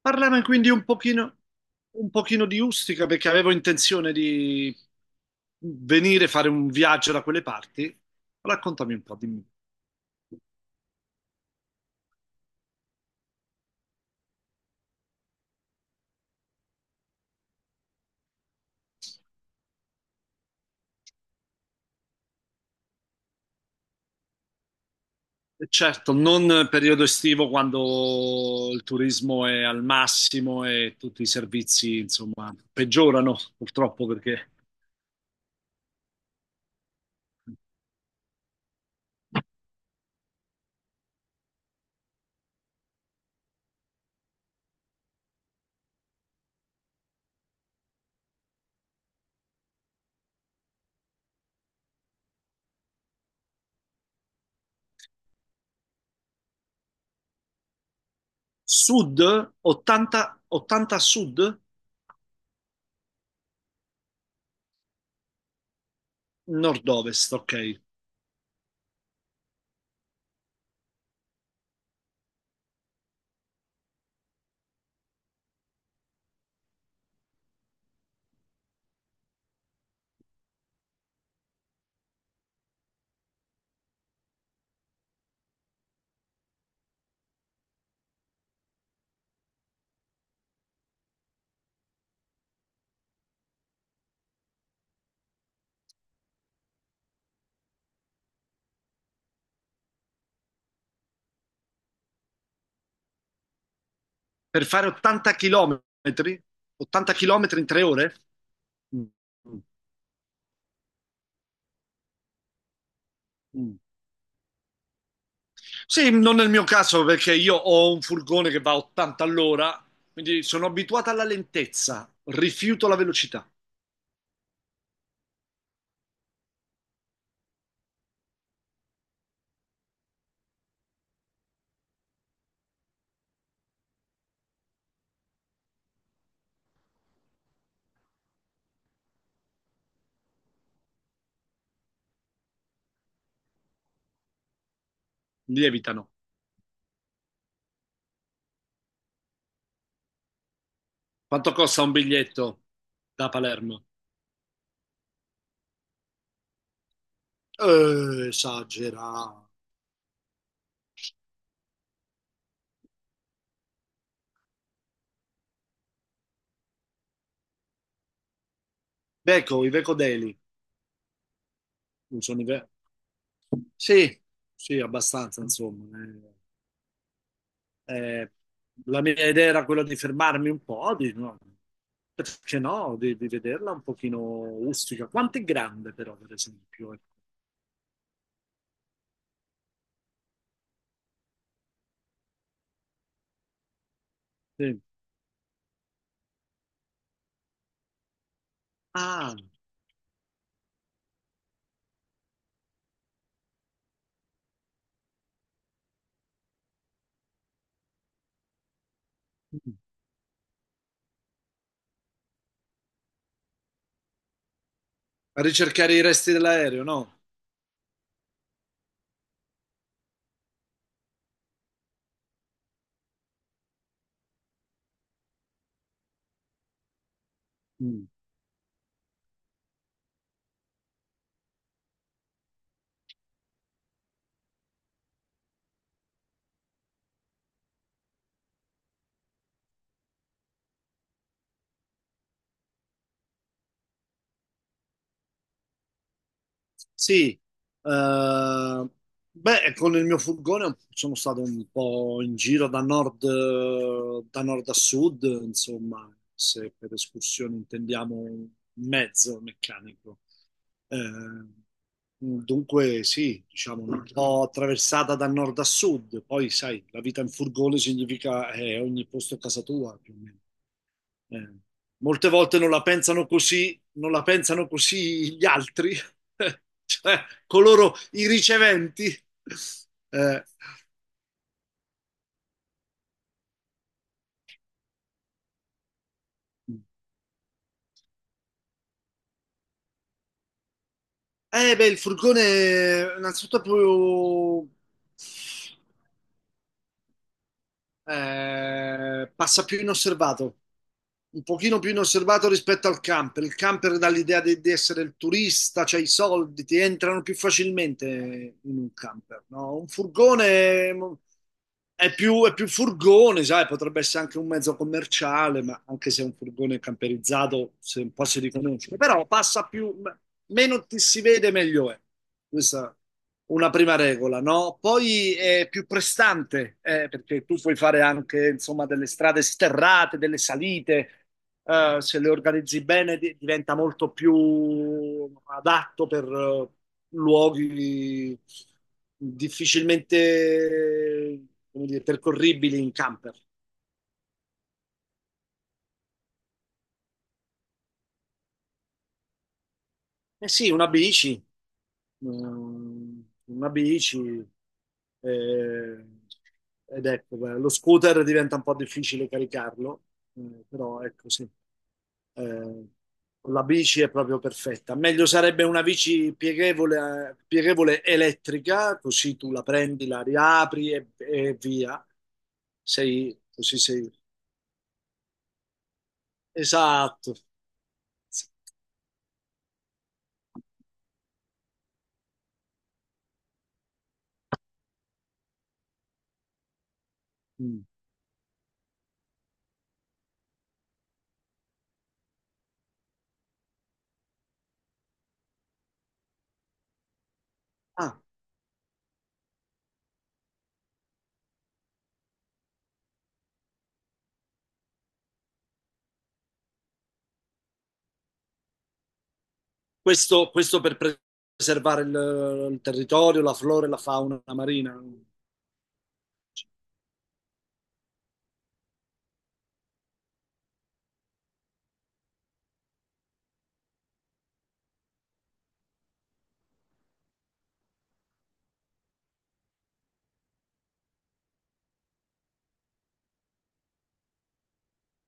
Parlava quindi un pochino di Ustica perché avevo intenzione di venire a fare un viaggio da quelle parti. Raccontami un po', dimmi. E certo, non periodo estivo quando il turismo è al massimo e tutti i servizi, insomma, peggiorano purtroppo perché sud, 80, 80 sud, nord-ovest, ok. Per fare 80 chilometri, 80 chilometri in 3 ore? Mm, mm. Mm. Sì, non nel mio caso perché io ho un furgone che va a 80 all'ora, quindi sono abituato alla lentezza, rifiuto la velocità, lievitano. Quanto costa un biglietto da Palermo? Esagerato. Veco, i Vecodeli, non sono i ve- sì, sì, abbastanza, insomma. Eh, eh, la mia idea era quella di fermarmi un po', di, no, perché no, di vederla un pochino rustica. Quanto è grande però, per esempio? Ecco. Sì. Ah. Mm. A ricercare i resti dell'aereo, no? Mm. Sì, eh, beh, con il mio furgone sono stato un po' in giro da nord a sud, insomma, se per escursione intendiamo un mezzo meccanico. Eh, dunque, sì, diciamo un po' attraversata da nord a sud, poi sai, la vita in furgone significa ogni posto a casa tua, più o meno. Eh, molte volte non la pensano così, non la pensano così gli altri, cioè coloro, i riceventi. Eh, beh, il furgone, innanzitutto, è proprio passa più inosservato, un pochino più inosservato rispetto al camper. Il camper dà l'idea di essere il turista, c'hai i soldi, ti entrano più facilmente in un camper, no? Un furgone è più furgone, sai, potrebbe essere anche un mezzo commerciale, ma anche se è un furgone camperizzato, se un po' si riconosce. Però passa più, meno ti si vede, meglio è. Questa una prima regola, no? Poi è più prestante, perché tu puoi fare anche, insomma, delle strade sterrate, delle salite, se le organizzi bene diventa molto più adatto per luoghi difficilmente, come dire, percorribili in camper. Eh sì, una bici. Mm, una bici, eh, ed ecco, beh, lo scooter diventa un po' difficile caricarlo, però ecco sì, eh, la bici è proprio perfetta. Meglio sarebbe una bici pieghevole, pieghevole elettrica, così tu la prendi, la riapri e via. Sei, così sei. Esatto. Sì. Mm. Ah. Questo per preservare il territorio, la flora e la fauna marina.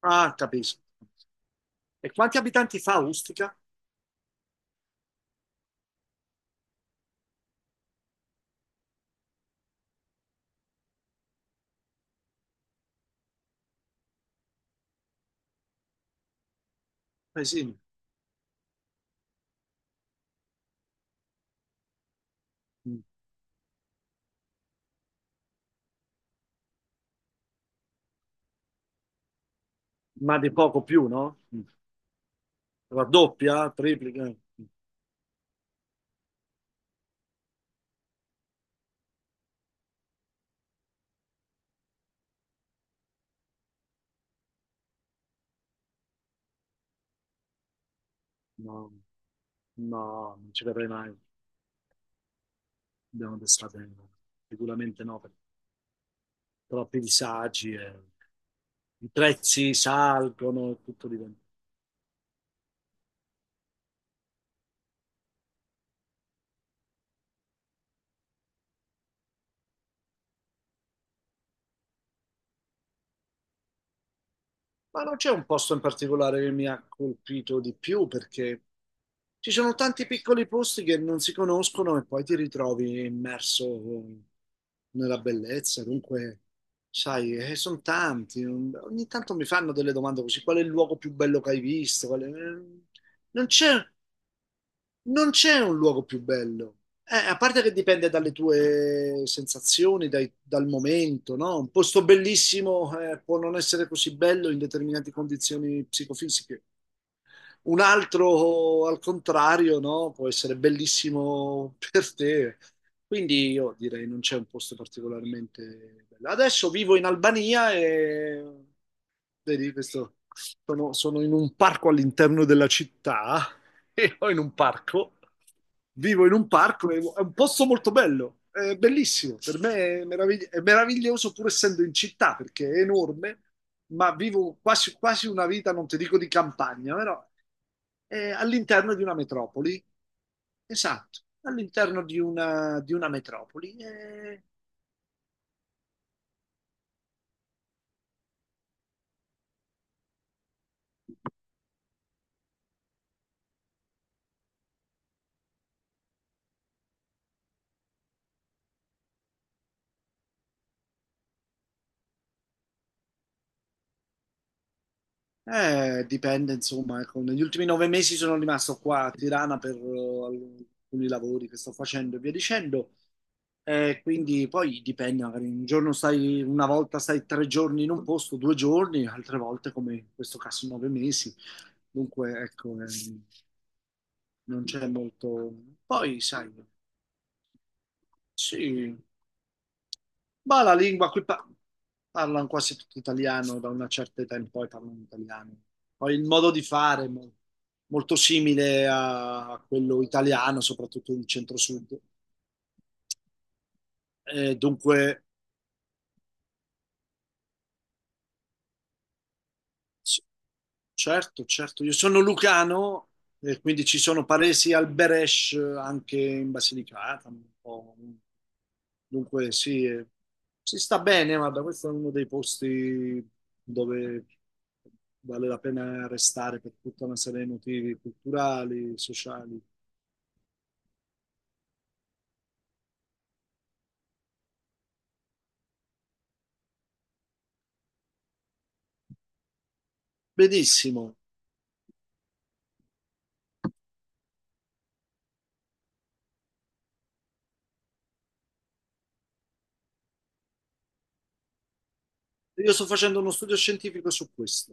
Ah, capisco. E quanti abitanti fa Ustica? Eh sì, mm. Ma di poco più, no? Mm. Raddoppia, triplica? Mm. No, no, non ci verrei mai. Abbiamo pensato, sicuramente no, per troppi disagi, e i prezzi salgono e tutto diventa. Ma non c'è un posto in particolare che mi ha colpito di più perché ci sono tanti piccoli posti che non si conoscono e poi ti ritrovi immerso nella bellezza. Dunque, sai, sono tanti. Ogni tanto mi fanno delle domande così: qual è il luogo più bello che hai visto? Qual è- Non c'è. Non c'è un luogo più bello. A parte che dipende dalle tue sensazioni, dal momento, no? Un posto bellissimo, può non essere così bello in determinate condizioni psicofisiche. Un altro, al contrario, no? Può essere bellissimo per te. Quindi io direi non c'è un posto particolarmente bello. Adesso vivo in Albania e vedi, questo sono in un parco all'interno della città ero in un parco, vivo in un parco, è un posto molto bello, è bellissimo, per me è, è meraviglioso pur essendo in città perché è enorme, ma vivo quasi, quasi una vita, non ti dico di campagna, però è all'interno di una metropoli, esatto, all'interno di una metropoli. È- Dipende, insomma, ecco, negli ultimi 9 mesi sono rimasto qua a Tirana per alcuni lavori che sto facendo e via dicendo. Quindi poi dipende, magari un giorno stai, una volta stai 3 giorni in un posto, 2 giorni, altre volte, come in questo caso, 9 mesi. Dunque, ecco, non c'è molto. Poi, sai, sì. Ma la lingua qui parlano quasi tutti italiano, da una certa età in poi parlano italiano. Poi il modo di fare è molto simile a quello italiano, soprattutto del centro-sud. Eh, dunque, s- Certo, certo. Io sono lucano e quindi ci sono paresi al Beresh anche in Basilicata. Un po'. Dunque, sì, si sta bene, guarda, questo è uno dei posti dove vale la pena restare per tutta una serie di motivi culturali, sociali. Benissimo. Io sto facendo uno studio scientifico su questo.